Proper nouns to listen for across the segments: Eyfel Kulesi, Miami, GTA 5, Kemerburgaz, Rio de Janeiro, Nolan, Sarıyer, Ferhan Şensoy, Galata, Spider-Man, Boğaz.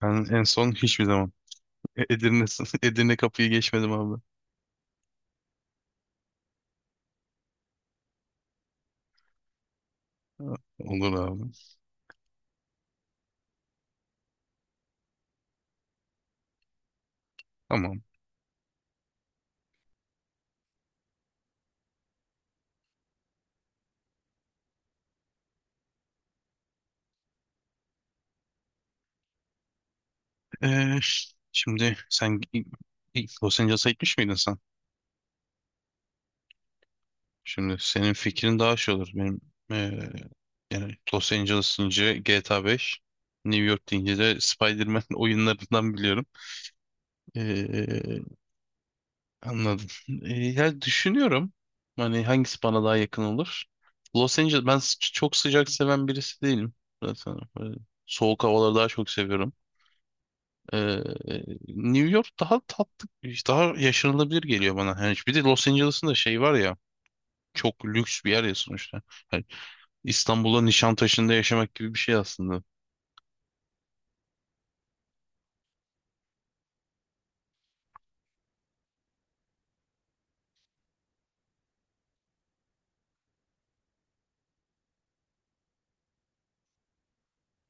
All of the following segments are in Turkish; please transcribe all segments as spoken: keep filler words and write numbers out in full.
Ben en son hiçbir zaman E- Edirne, Edirne kapıyı geçmedim abi. Olur abi. Tamam. Ee, ş- şimdi sen i- i- Los Angeles'a gitmiş miydin sen? Şimdi senin fikrin daha şey olur. Benim ee, yani Los Angeles deyince G T A beş, New York deyince de Spider-Man oyunlarından biliyorum. Ee, Anladım. Ee, ya düşünüyorum hani hangisi bana daha yakın olur. Los Angeles ben s- çok sıcak seven birisi değilim. Zaten böyle soğuk havaları daha çok seviyorum. Ee, New York daha tatlı, işte daha yaşanılabilir geliyor bana. Yani bir de Los Angeles'ın da şey var ya, çok lüks bir yer ya sonuçta. Yani İstanbul'da Nişantaşı'nda yaşamak gibi bir şey aslında.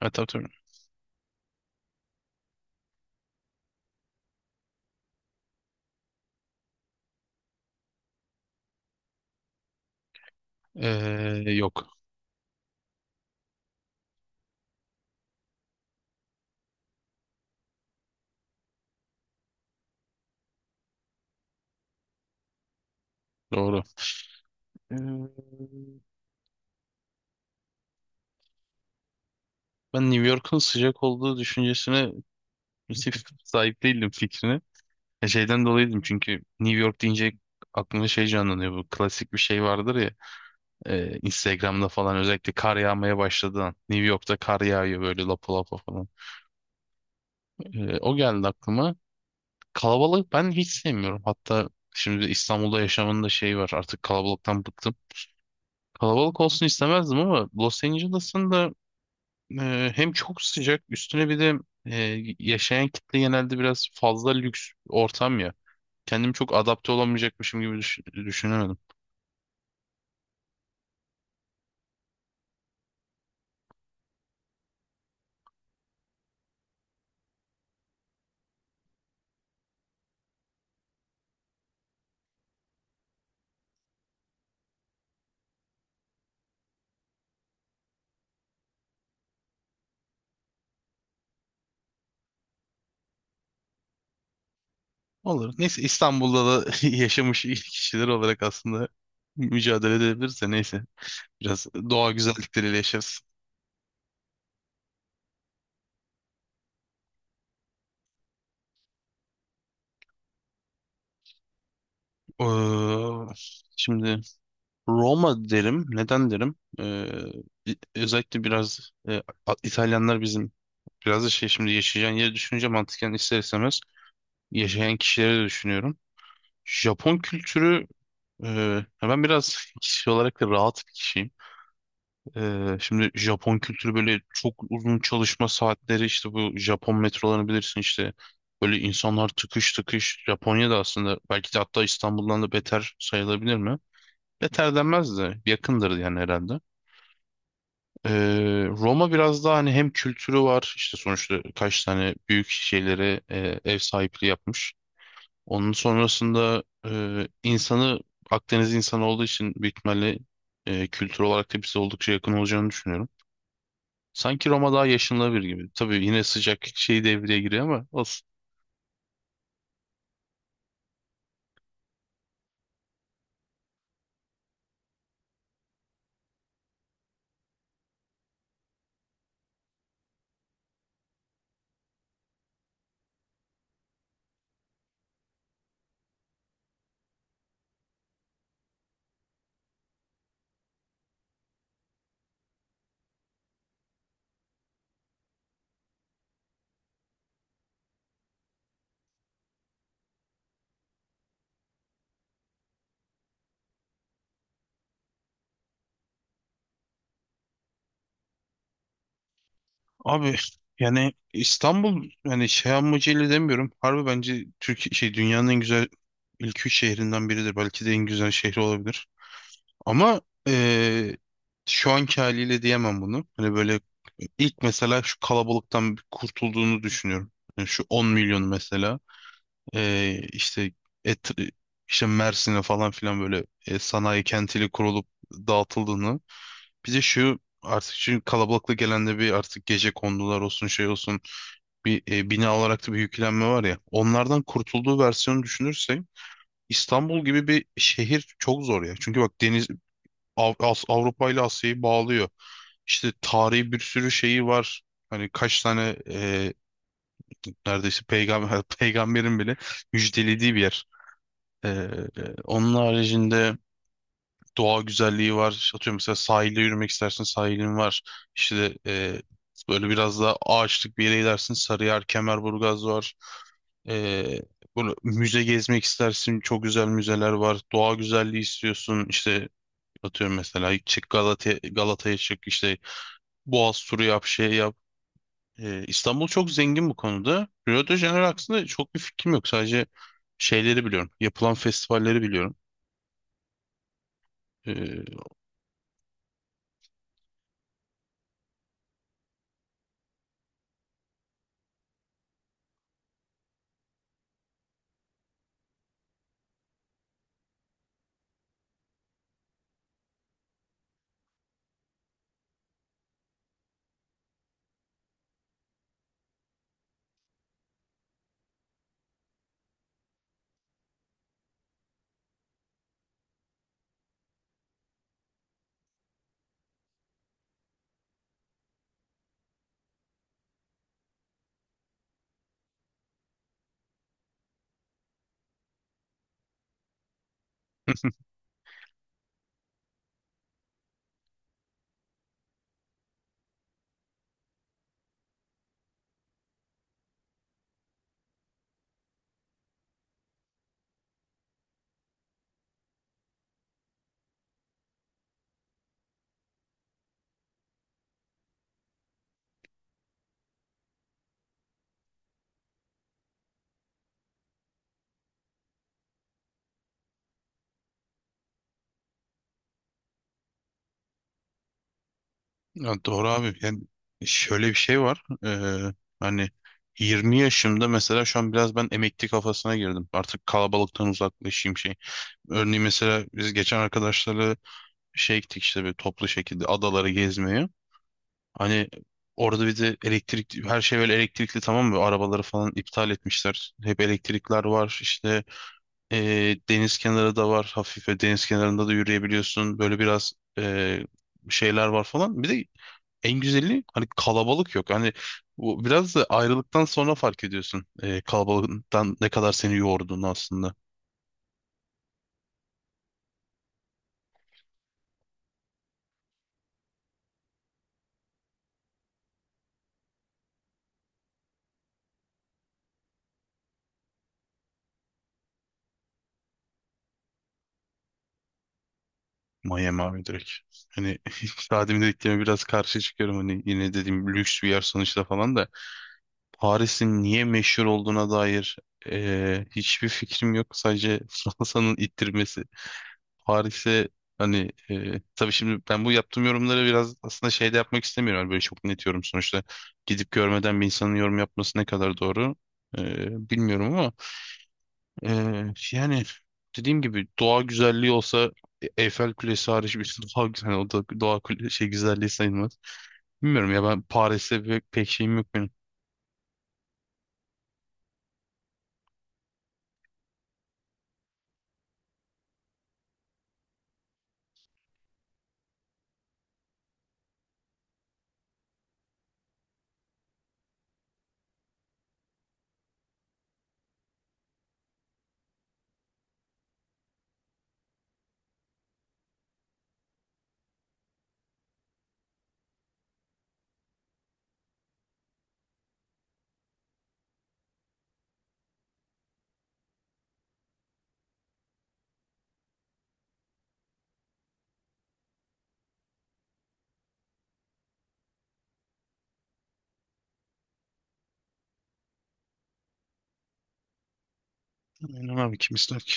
Ha, tabii, tabii. Ee, yok. Doğru. Ee, Ben New York'un sıcak olduğu düşüncesine sahip değildim fikrine. E, şeyden dolayıydım çünkü New York deyince aklımda şey canlanıyor, bu klasik bir şey vardır ya, e, Instagram'da falan özellikle kar yağmaya başladığı an New York'ta kar yağıyor böyle lapa lapa falan. E, o geldi aklıma. Kalabalık ben hiç sevmiyorum. Hatta şimdi İstanbul'da yaşamın da şey var, artık kalabalıktan bıktım. Kalabalık olsun istemezdim ama Los Angeles'ın da e, hem çok sıcak, üstüne bir de e, yaşayan kitle genelde biraz fazla lüks ortam ya. Kendimi çok adapte olamayacakmışım gibi düş- düşünemedim. Olur. Neyse, İstanbul'da da yaşamış kişiler olarak aslında mücadele edebiliriz de, neyse. Biraz doğa güzellikleriyle yaşarız. Ee, Şimdi Roma derim. Neden derim? Ee, Özellikle biraz e, İtalyanlar bizim biraz da şey, şimdi yaşayacağın yeri düşününce mantıken ister istemez yaşayan kişileri de düşünüyorum. Japon kültürü e, ben biraz kişi olarak da rahat bir kişiyim. Ee, şimdi Japon kültürü böyle çok uzun çalışma saatleri, işte bu Japon metrolarını bilirsin işte, böyle insanlar tıkış tıkış Japonya'da, aslında belki de hatta İstanbul'dan da beter sayılabilir mi? Beter denmez de yakındır yani herhalde. Ee, Roma biraz daha hani hem kültürü var işte, sonuçta kaç tane büyük şeylere e, ev sahipliği yapmış. Onun sonrasında e, insanı Akdeniz insanı olduğu için büyük ihtimalle e, kültür olarak da bize oldukça yakın olacağını düşünüyorum. Sanki Roma daha yaşanılabilir gibi. Tabii yine sıcak şey devreye giriyor ama olsun. Abi yani İstanbul, yani şey amacıyla demiyorum. Harbi bence Türkiye şey, dünyanın en güzel ilk üç şehrinden biridir. Belki de en güzel şehri olabilir. Ama eee, şu anki haliyle diyemem bunu. Hani böyle ilk mesela şu kalabalıktan bir kurtulduğunu düşünüyorum. Yani şu on milyon mesela eee, işte et, işte Mersin'e falan filan böyle e, sanayi kentiyle kurulup dağıtıldığını. Bize şu artık şu kalabalıkla gelen de bir artık gece kondular olsun şey olsun, bir e, bina olarak da bir yüklenme var ya. Onlardan kurtulduğu versiyonu düşünürsek İstanbul gibi bir şehir çok zor ya. Çünkü bak deniz Av- As- Avrupa ile Asya'yı bağlıyor. İşte tarihi bir sürü şeyi var. Hani kaç tane e, neredeyse peygamber peygamberin bile müjdelediği bir yer. E, e, Onun haricinde doğa güzelliği var. Atıyorum mesela sahilde yürümek istersin, sahilin var. İşte e, böyle biraz daha ağaçlık bir yere gidersin. Sarıyer, Kemerburgaz var. E, Böyle müze gezmek istersin. Çok güzel müzeler var. Doğa güzelliği istiyorsun. İşte atıyorum mesela çık Galata Galata'ya çık. İşte Boğaz turu yap, şey yap. E, İstanbul çok zengin bu konuda. Rio de Janeiro hakkında çok bir fikrim yok. Sadece şeyleri biliyorum. Yapılan festivalleri biliyorum. E, Ya doğru abi. Yani şöyle bir şey var. Ee, hani yirmi yaşımda mesela şu an biraz ben emekli kafasına girdim. Artık kalabalıktan uzaklaşayım şey. Örneğin mesela biz geçen arkadaşlarla şey gittik, işte bir toplu şekilde adaları gezmeye. Hani orada bir de elektrik, her şey böyle elektrikli, tamam mı? Arabaları falan iptal etmişler. Hep elektrikler var. İşte ee, deniz kenarı da var. Hafif ve deniz kenarında da yürüyebiliyorsun. Böyle biraz ee, şeyler var falan. Bir de en güzeli hani kalabalık yok. Hani bu biraz da ayrılıktan sonra fark ediyorsun. E, kalabalıktan ne kadar seni yorduğunu aslında. Miami abi, direkt. Hani daha demin dediklerime biraz karşı çıkıyorum. Hani yine dediğim lüks bir yer sonuçta falan da. Paris'in niye meşhur olduğuna dair e, hiçbir fikrim yok. Sadece Fransa'nın ittirmesi. Paris'e hani e, tabii şimdi ben bu yaptığım yorumları biraz aslında şeyde yapmak istemiyorum. Hani böyle çok net yorum sonuçta. Gidip görmeden bir insanın yorum yapması ne kadar doğru e, bilmiyorum ama e, yani dediğim gibi doğa güzelliği olsa e, Eyfel Kulesi hariç bir doğa güzel, o da doğa kule, şey güzelliği sayılmaz. Bilmiyorum ya, ben Paris'e pek, pek şeyim yok benim. Aynen abi, kim ister ki?